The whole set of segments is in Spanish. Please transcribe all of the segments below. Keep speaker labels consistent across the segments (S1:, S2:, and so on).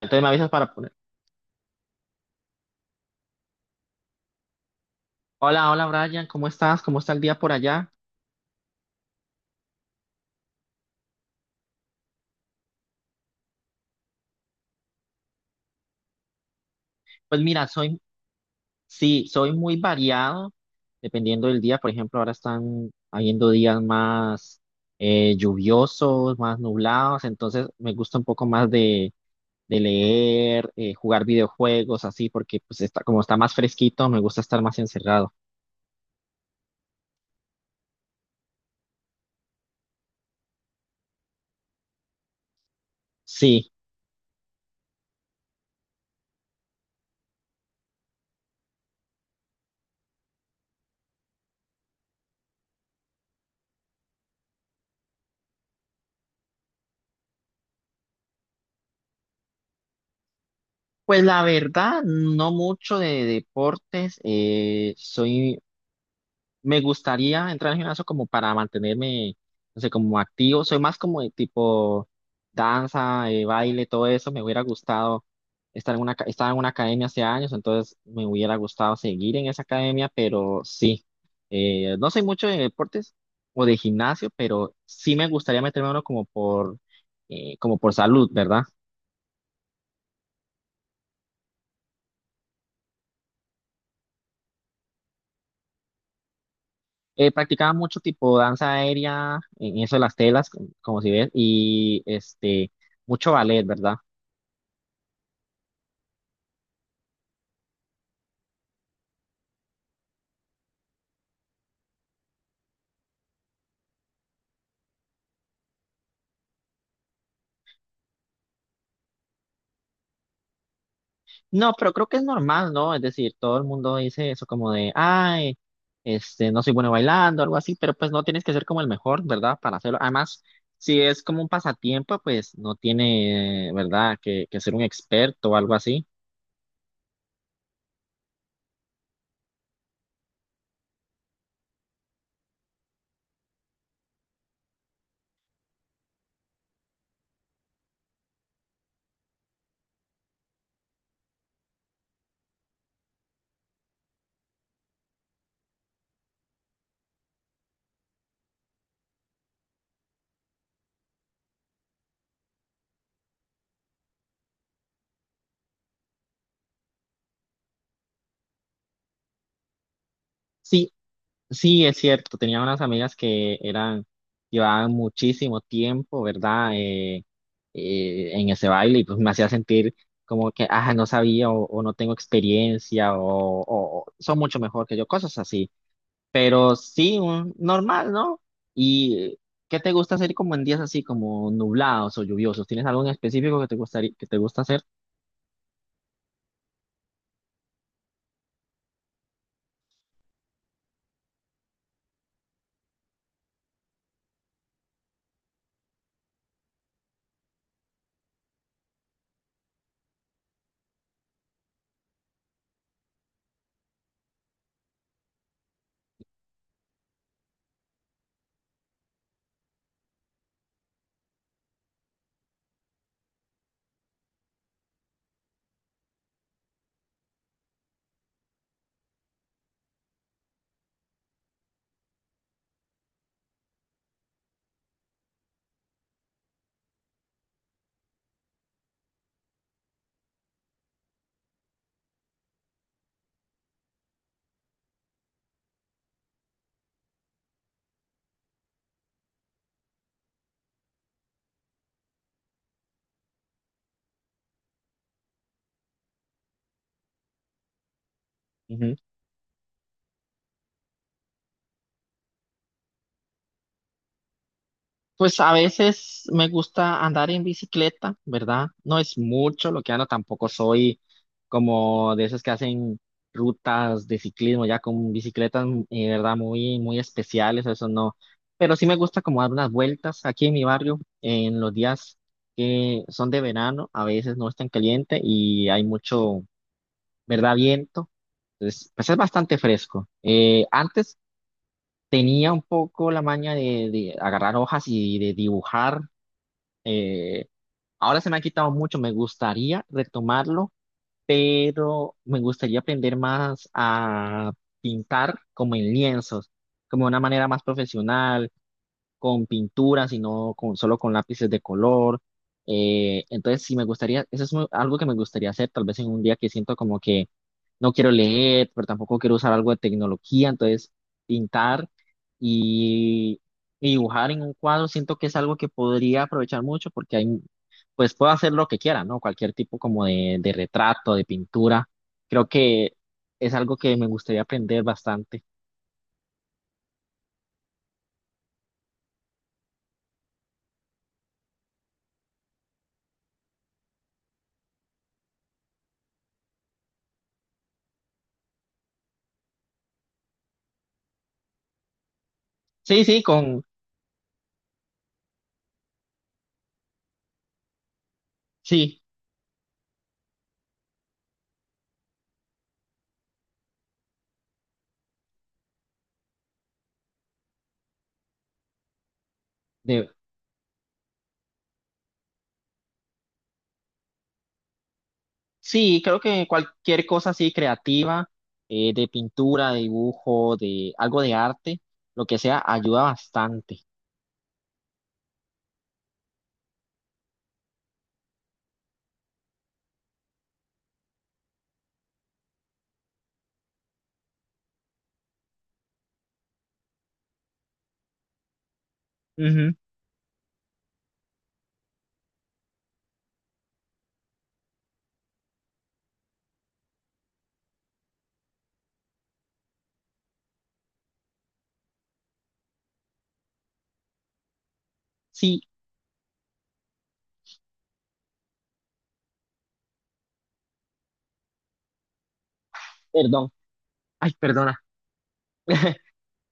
S1: Entonces me avisas para poner. Hola, hola Brian, ¿cómo estás? ¿Cómo está el día por allá? Pues mira, sí, soy muy variado dependiendo del día. Por ejemplo, ahora están habiendo días más lluviosos, más nublados. Entonces me gusta un poco más de leer, jugar videojuegos, así, porque como está más fresquito, me gusta estar más encerrado. Sí, pues la verdad, no mucho de deportes. Soy Me gustaría entrar al gimnasio como para mantenerme, no sé, como activo. Soy más como de tipo danza, baile, todo eso. Me hubiera gustado estar en estaba en una academia hace años, entonces me hubiera gustado seguir en esa academia, pero sí. No soy mucho de deportes o de gimnasio, pero sí me gustaría meterme a uno como por salud, ¿verdad? Practicaba mucho tipo danza aérea, en eso de las telas, como, como si ves, y este, mucho ballet, ¿verdad? No, pero creo que es normal, ¿no? Es decir, todo el mundo dice eso como de, ay, este, no soy bueno bailando, algo así, pero pues no tienes que ser como el mejor, ¿verdad? Para hacerlo. Además, si es como un pasatiempo, pues no tiene, ¿verdad? Que ser un experto o algo así. Sí, sí, es cierto. Tenía unas amigas que eran, llevaban muchísimo tiempo, ¿verdad? En ese baile y pues me hacía sentir como que, ah, no sabía o no tengo experiencia o son mucho mejor que yo, cosas así. Pero sí, un normal, ¿no? ¿Y qué te gusta hacer como en días así, como nublados o lluviosos? ¿Tienes algo en específico que te gustaría, que te gusta hacer? Pues a veces me gusta andar en bicicleta, ¿verdad? No es mucho lo que ando, tampoco soy como de esos que hacen rutas de ciclismo ya con bicicletas, ¿verdad? Muy, muy especiales, eso no. Pero sí me gusta como dar unas vueltas aquí en mi barrio en los días que son de verano, a veces no es tan caliente y hay mucho, ¿verdad? Viento. Entonces, pues es bastante fresco. Antes tenía un poco la maña de agarrar hojas y de dibujar eh, ahora se me ha quitado mucho, me gustaría retomarlo, pero me gustaría aprender más a pintar como en lienzos, como de una manera más profesional, con pinturas y no con, solo con lápices de color. Entonces, sí me gustaría, eso es algo que me gustaría hacer, tal vez en un día que siento como que no quiero leer, pero tampoco quiero usar algo de tecnología, entonces pintar y, y dibujar en un cuadro siento que es algo que podría aprovechar mucho porque hay, pues puedo hacer lo que quiera, ¿no? Cualquier tipo como de retrato, de pintura, creo que es algo que me gustaría aprender bastante. Sí, sí, sí, de, sí, creo que cualquier cosa así creativa, de pintura, de dibujo, de algo de arte, lo que sea, ayuda bastante. Ujú. Sí, perdón, ay, perdona.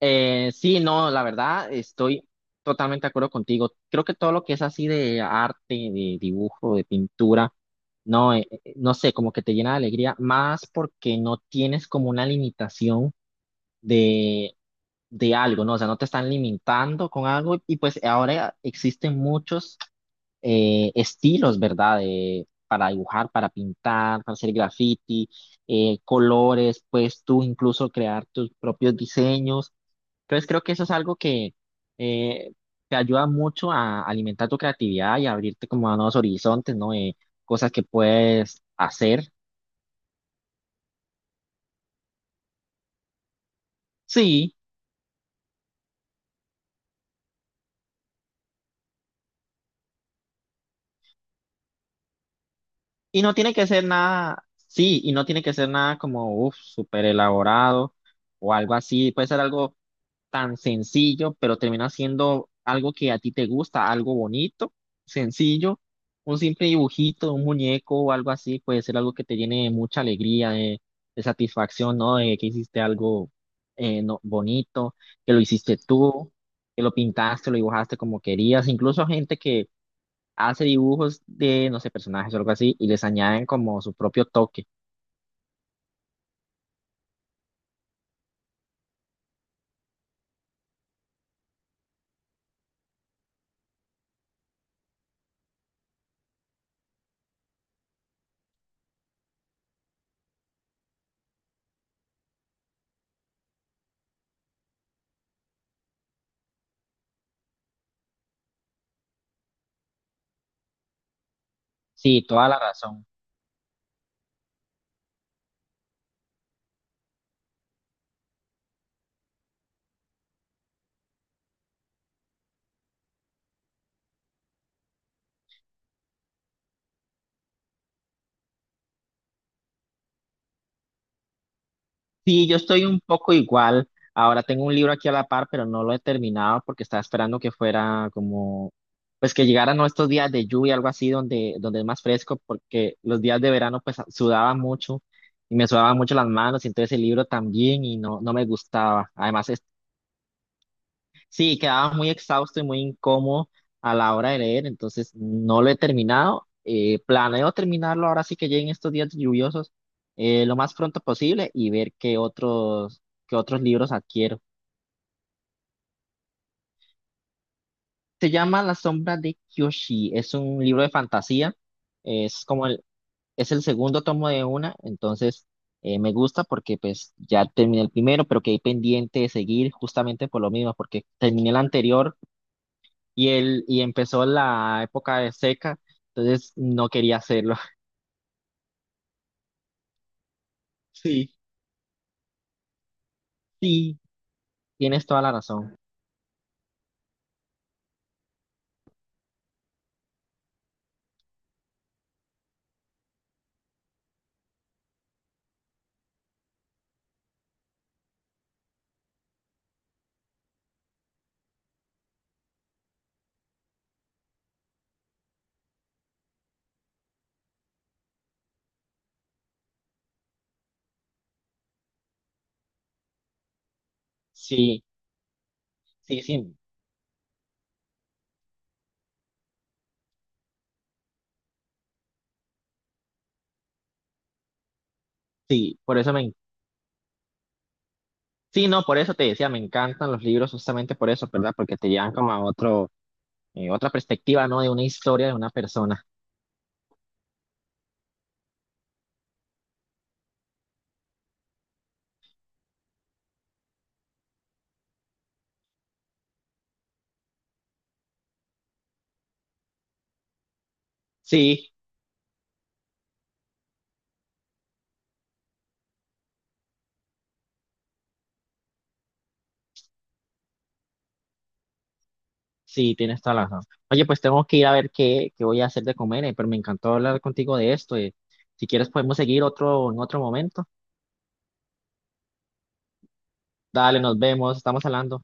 S1: Sí, no, la verdad, estoy totalmente de acuerdo contigo. Creo que todo lo que es así de arte, de dibujo, de pintura, no, no sé, como que te llena de alegría, más porque no tienes como una limitación de, de algo, ¿no? O sea, no te están limitando con algo y pues ahora existen muchos. Estilos, ¿verdad? De- para dibujar, para pintar, para hacer graffiti, colores, pues tú incluso crear tus propios diseños. Entonces creo que eso es algo que eh, te ayuda mucho a alimentar tu creatividad y a abrirte como a nuevos horizontes, ¿no? Cosas que puedes hacer. Sí. Y no tiene que ser nada, sí, y no tiene que ser nada como, uff, súper elaborado o algo así. Puede ser algo tan sencillo, pero termina siendo algo que a ti te gusta, algo bonito, sencillo. Un simple dibujito, un muñeco o algo así puede ser algo que te llene de mucha alegría, de satisfacción, ¿no? De que hiciste algo bonito, que lo hiciste tú que lo pintaste, lo dibujaste como querías, incluso gente que hace dibujos de, no sé, personajes o algo así y les añaden como su propio toque. Sí, toda la razón. Sí, yo estoy un poco igual. Ahora tengo un libro aquí a la par, pero no lo he terminado porque estaba esperando que fuera como, pues que llegaran ¿no? estos días de lluvia, algo así, donde, donde es más fresco, porque los días de verano pues sudaba mucho y me sudaban mucho las manos, y entonces el libro también y no, no me gustaba. Además, sí, quedaba muy exhausto y muy incómodo a la hora de leer, entonces no lo he terminado. Planeo terminarlo ahora sí que lleguen estos días lluviosos lo más pronto posible y ver qué otros libros adquiero. Se llama La sombra de Kyoshi, es un libro de fantasía, es como el, es el segundo tomo de una, entonces me gusta porque pues ya terminé el primero, pero quedé pendiente de seguir justamente por lo mismo, porque terminé el anterior y empezó la época de seca, entonces no quería hacerlo. Sí, sí, tienes toda la razón. Sí, sí, sí, sí, por eso me, sí, no, por eso te decía, me encantan los libros justamente por eso, ¿verdad? Porque te llevan como a otro, otra perspectiva, ¿no? De una historia de una persona. Sí, sí, tienes toda la razón. Oye, pues tengo que ir a ver qué voy a hacer de comer, pero me encantó hablar contigo de esto. Eh. Si quieres podemos seguir otro en otro momento. Dale, nos vemos, estamos hablando.